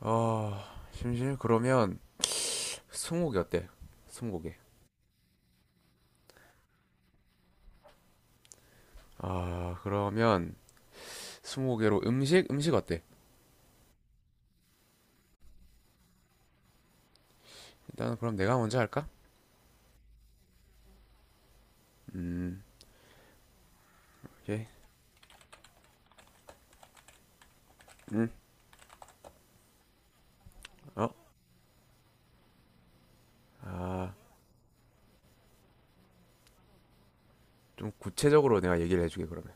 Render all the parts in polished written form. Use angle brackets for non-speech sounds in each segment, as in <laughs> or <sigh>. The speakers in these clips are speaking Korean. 아, 심심? 그러면 스무고개 어때? 스무고개. 아, 그러면 스무고개로 음식? 음식 어때? 일단은 그럼 내가 먼저 할까? 음, 오케이. 음, 어, 아, 좀 구체적으로 내가 얘기를 해주게 그러면.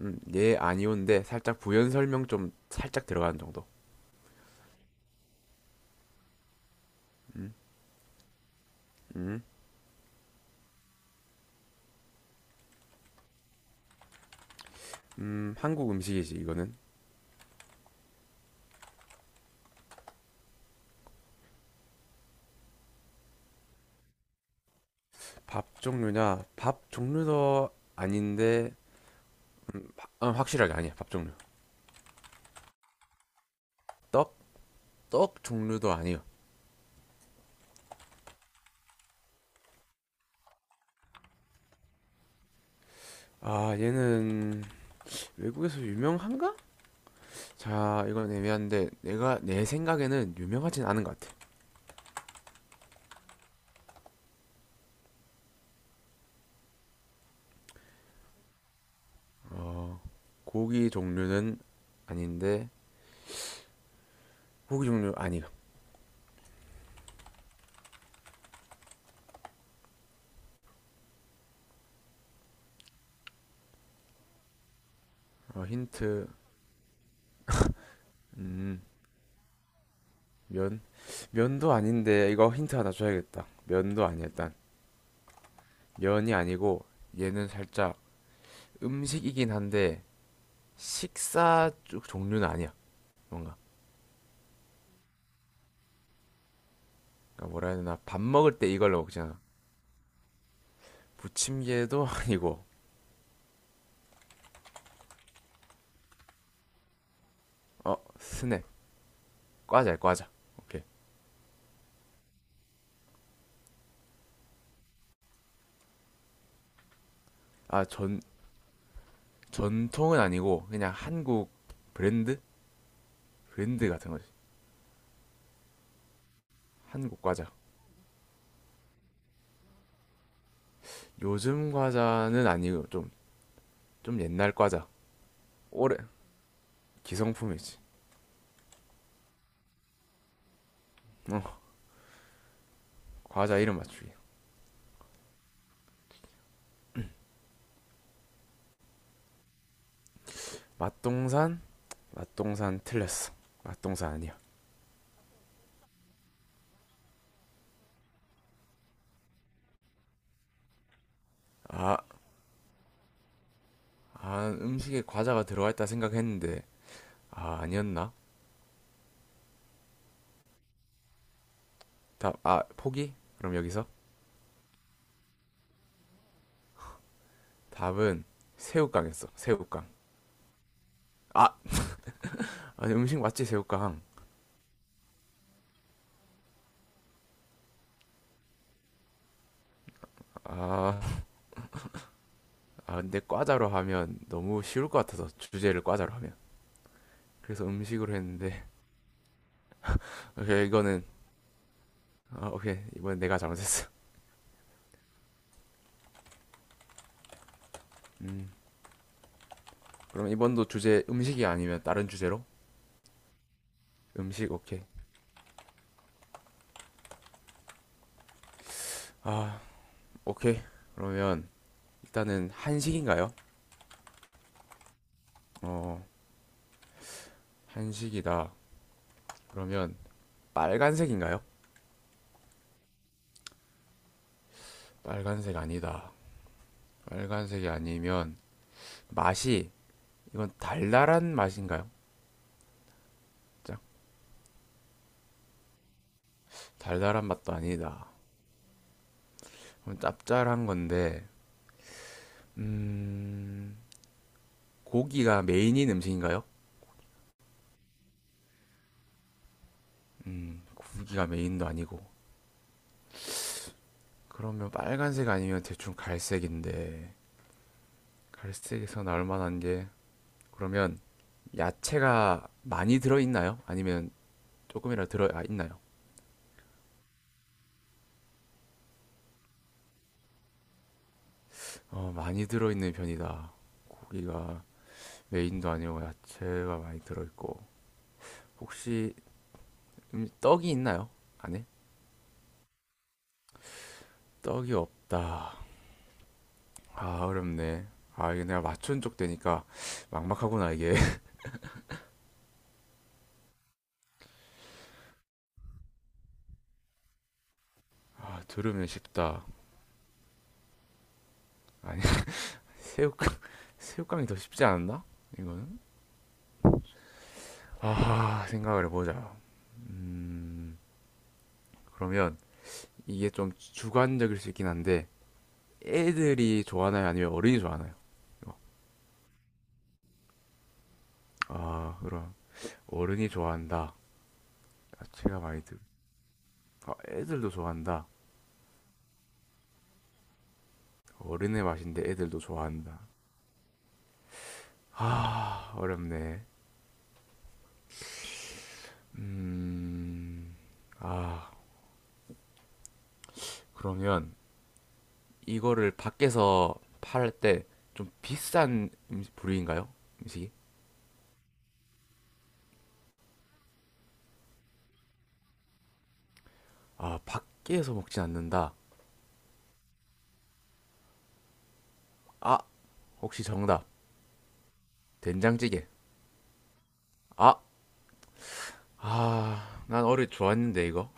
예, 아니오인데 살짝 부연 설명 좀 살짝 들어가는 정도. 음, 음, 한국 음식이지 이거는. 밥 종류냐? 밥 종류도 아닌데, 확실하게 아니야. 밥 종류. 떡? 떡 종류도 아니요. 아, 얘는 외국에서 유명한가? 자, 이건 애매한데 내가 내 생각에는 유명하진 않은 것 같아. 어, 고기 종류는 아닌데 고기 종류 아니야. 힌트, 음, 면, 면도 아닌데 이거 힌트 하나 줘야겠다. 면도 아니야, 일단. 면이 아니고 얘는 살짝 음식이긴 한데 식사 쪽 종류는 아니야. 뭔가 그러니까 뭐라 해야 되나, 밥 먹을 때 이걸로 먹잖아. 부침개도 <laughs> 아니고. 어 스낵 과자야 과자. 오케이. 아, 전통은 아니고 그냥 한국 브랜드? 브랜드 같은 거지. 한국 과자. 요즘 과자는 아니고 좀 옛날 과자. 올해 기성품이지. 어, 과자 이름 맞추기. 맛동산? 맛동산 틀렸어. 맛동산 아니야. 아, 음식에 과자가 들어가 있다 생각했는데. 아, 아니었나? 답, 아, 포기? 그럼 여기서 답은 새우깡이었어. 새우깡. 아, 아니 음식 맞지 새우깡. 아. 아, 근데 과자로 하면 너무 쉬울 것 같아서 주제를 과자로 하면. 그래서 음식으로 했는데. <laughs> 오케이 이거는 오케이 이번 내가 잘못했어. 음 그럼 이번도 주제 음식이 아니면 다른 주제로. 음식 오케이, 아 오케이 그러면 일단은 한식인가요? 어 한식이다. 그러면 빨간색인가요? 빨간색 아니다. 빨간색이 아니면 맛이 이건 달달한 맛인가요? 짝 달달한 맛도 아니다. 그럼 짭짤한 건데, 음, 고기가 메인인 음식인가요? 고기가 메인도 아니고. 그러면 빨간색 아니면 대충 갈색인데, 갈색에서 나올 만한 게, 그러면 야채가 많이 들어있나요? 아니면 조금이라도 있나요? 많이 들어있는 편이다. 고기가 메인도 아니고 야채가 많이 들어있고. 혹시 떡이 있나요? 안에? 떡이 없다. 아, 어렵네. 아, 이게 내가 맞춘 쪽 되니까 막막하구나, 이게. 아, 들으면 쉽다. 아니, <laughs> 새우깡, 새우깡이 더 쉽지 않나? 이거는? 아, 생각을 해보자. 음, 그러면 이게 좀 주관적일 수 있긴 한데, 애들이 좋아하나요? 아니면 어른이 좋아하나요? 이거. 아, 그럼 어른이 좋아한다. 아, 제가 많이 들, 아, 애들도 좋아한다. 어른의 맛인데 애들도 좋아한다. 아, 어렵네. 음, 아, 그러면 이거를 밖에서 팔 때 좀 비싼 음식 부류인가요? 음식이? 아, 밖에서 먹진 않는다. 아, 혹시 정답. 된장찌개. 아, 난 어릴 때 좋았는데, 이거.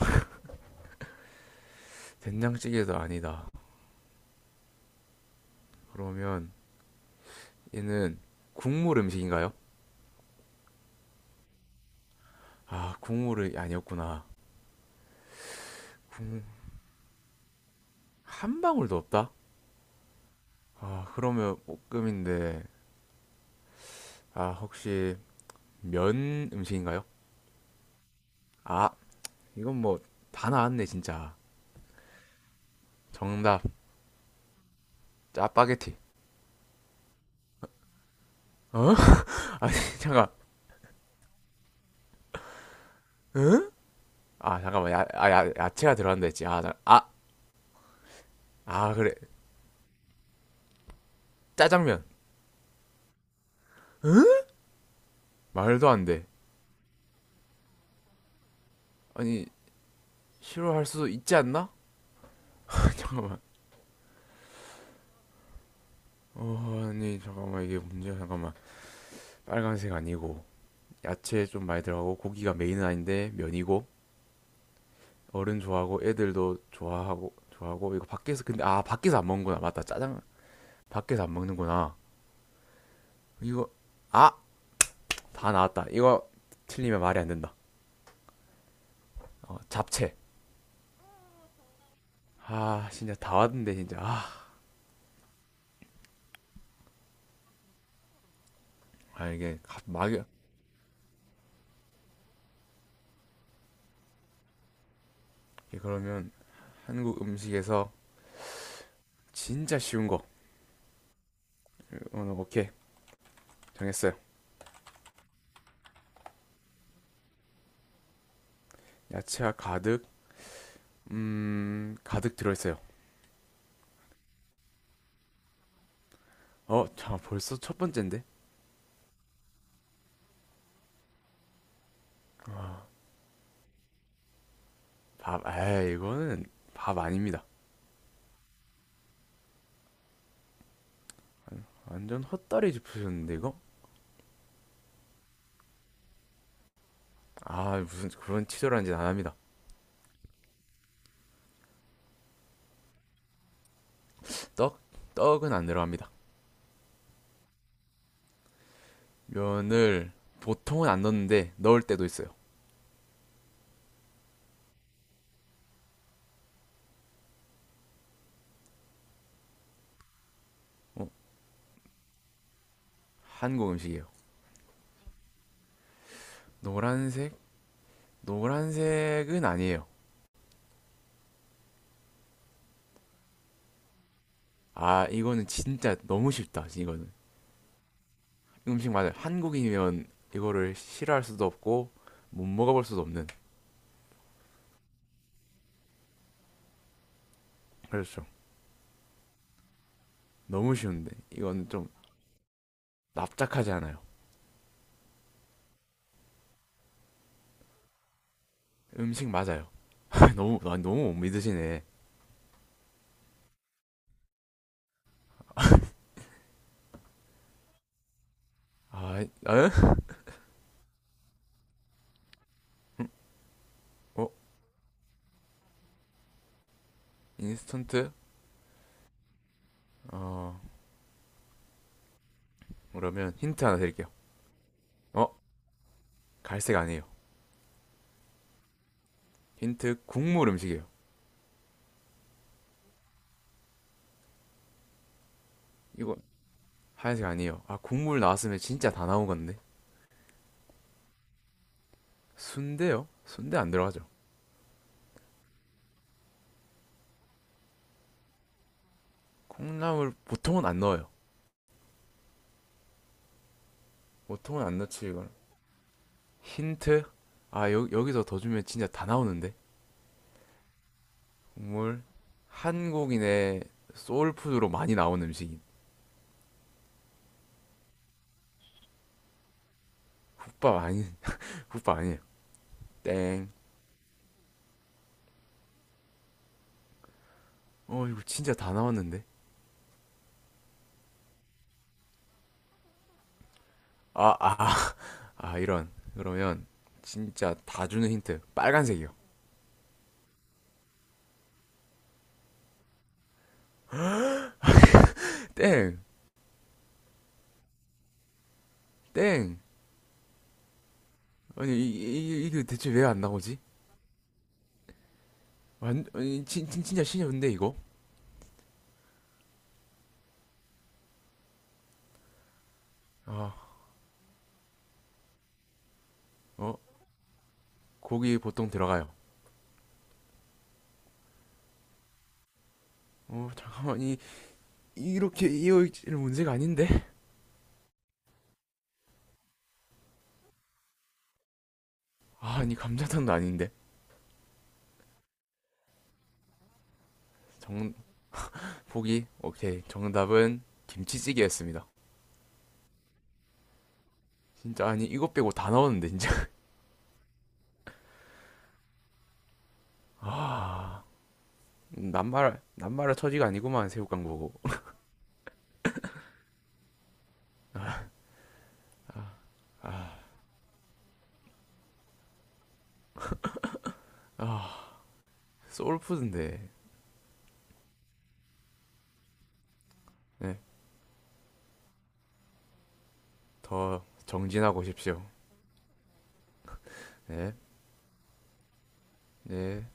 <laughs> 된장찌개도 아니다. 그러면 얘는 국물 음식인가요? 아, 국물이 아니었구나. 한 방울도 없다? 아, 그러면 볶음인데. 아, 혹시 면 음식인가요? 아, 이건 뭐 다 나왔네 진짜. 정답 짜파게티. 어, 아니, 잠깐. <laughs> 잠깐만. 야채가 들어간다 했지. 그래. 짜장면. 말도 안 돼. 아니, 싫어할 수도 있지 않나. <laughs> 잠깐만. 아니, 잠깐만. 이게 문제야. 잠깐만. 빨간색 아니고 야채 좀 많이 들어가고 고기가 메인은 아닌데 면이고. 어른 좋아하고, 애들도 좋아하고, 이거 밖에서. 근데 밖에서 안 먹는구나. 맞다, 짜장. 밖에서 안 먹는구나, 이거. 아 다 나왔다, 이거. 틀리면 말이 안 된다. 잡채. 아, 진짜 다 왔는데 진짜. 아, 아, 이게 가- 막 이게. 그러면 한국 음식에서 진짜 쉬운 거. 오늘 오케이. 정했어요. 야채가 가득 들어있어요. 어자 벌써 첫 번째인데. 밥 아 이거는 밥 아닙니다. 완전 헛다리 짚으셨는데, 이거. 아, 무슨 그런 치졸한 짓 안 합니다. 떡 떡은 안 들어갑니다. 면을 보통은 안 넣는데 넣을 때도 있어요. 어 한국 음식이에요. 노란색 노란색은 아니에요. 아, 이거는 진짜 너무 쉽다. 이거는. 음식 맞아요. 한국인이면 이거를 싫어할 수도 없고 못 먹어볼 수도 없는. 그렇죠. 너무 쉬운데 이건 좀. 납작하지 않아요. 음식 맞아요. <laughs> 너무 못 믿으시네. 아, 에? 어? 인스턴트? 어, 그러면 힌트 하나 드릴게요. 어? 갈색 아니에요. 힌트. 국물 음식이에요. 이거 하얀색 아니에요. 아, 국물 나왔으면 진짜 다 나온 건데. 순대요? 순대 안 들어가죠. 콩나물 보통은 안 넣어요. 보통은 안 넣지 이는. 힌트? 아, 여기서 더 주면 진짜 다 나오는데? 국물? 한국인의 소울푸드로 많이 나오는 음식인. 국밥 아니, <laughs> 국밥 아니에요. 땡. 이거 진짜 다 나왔는데? 아, 아, 아, 이런. 그러면 진짜 다 주는 힌트. 빨간색이요. 땡! 땡! 아니, 이, 이, 이- 게 대체 왜 안 나오지? 아니, 진짜 신이었는데, 이거? 아, 어? 고기 보통 들어가요. 잠깐만, 이렇게 이어있질 문제가 아닌데? 아, 아니, 감자탕도 아닌데? 정 보기 오케이. 정답은 김치찌개였습니다. 진짜 아니 이것 빼고 다나었는데 진짜. <laughs> 아, 남말할 처지가 아니구만. 새우 깡 보고. 아, 소울푸드인데. 네더 정진하고 오십시오. 네네.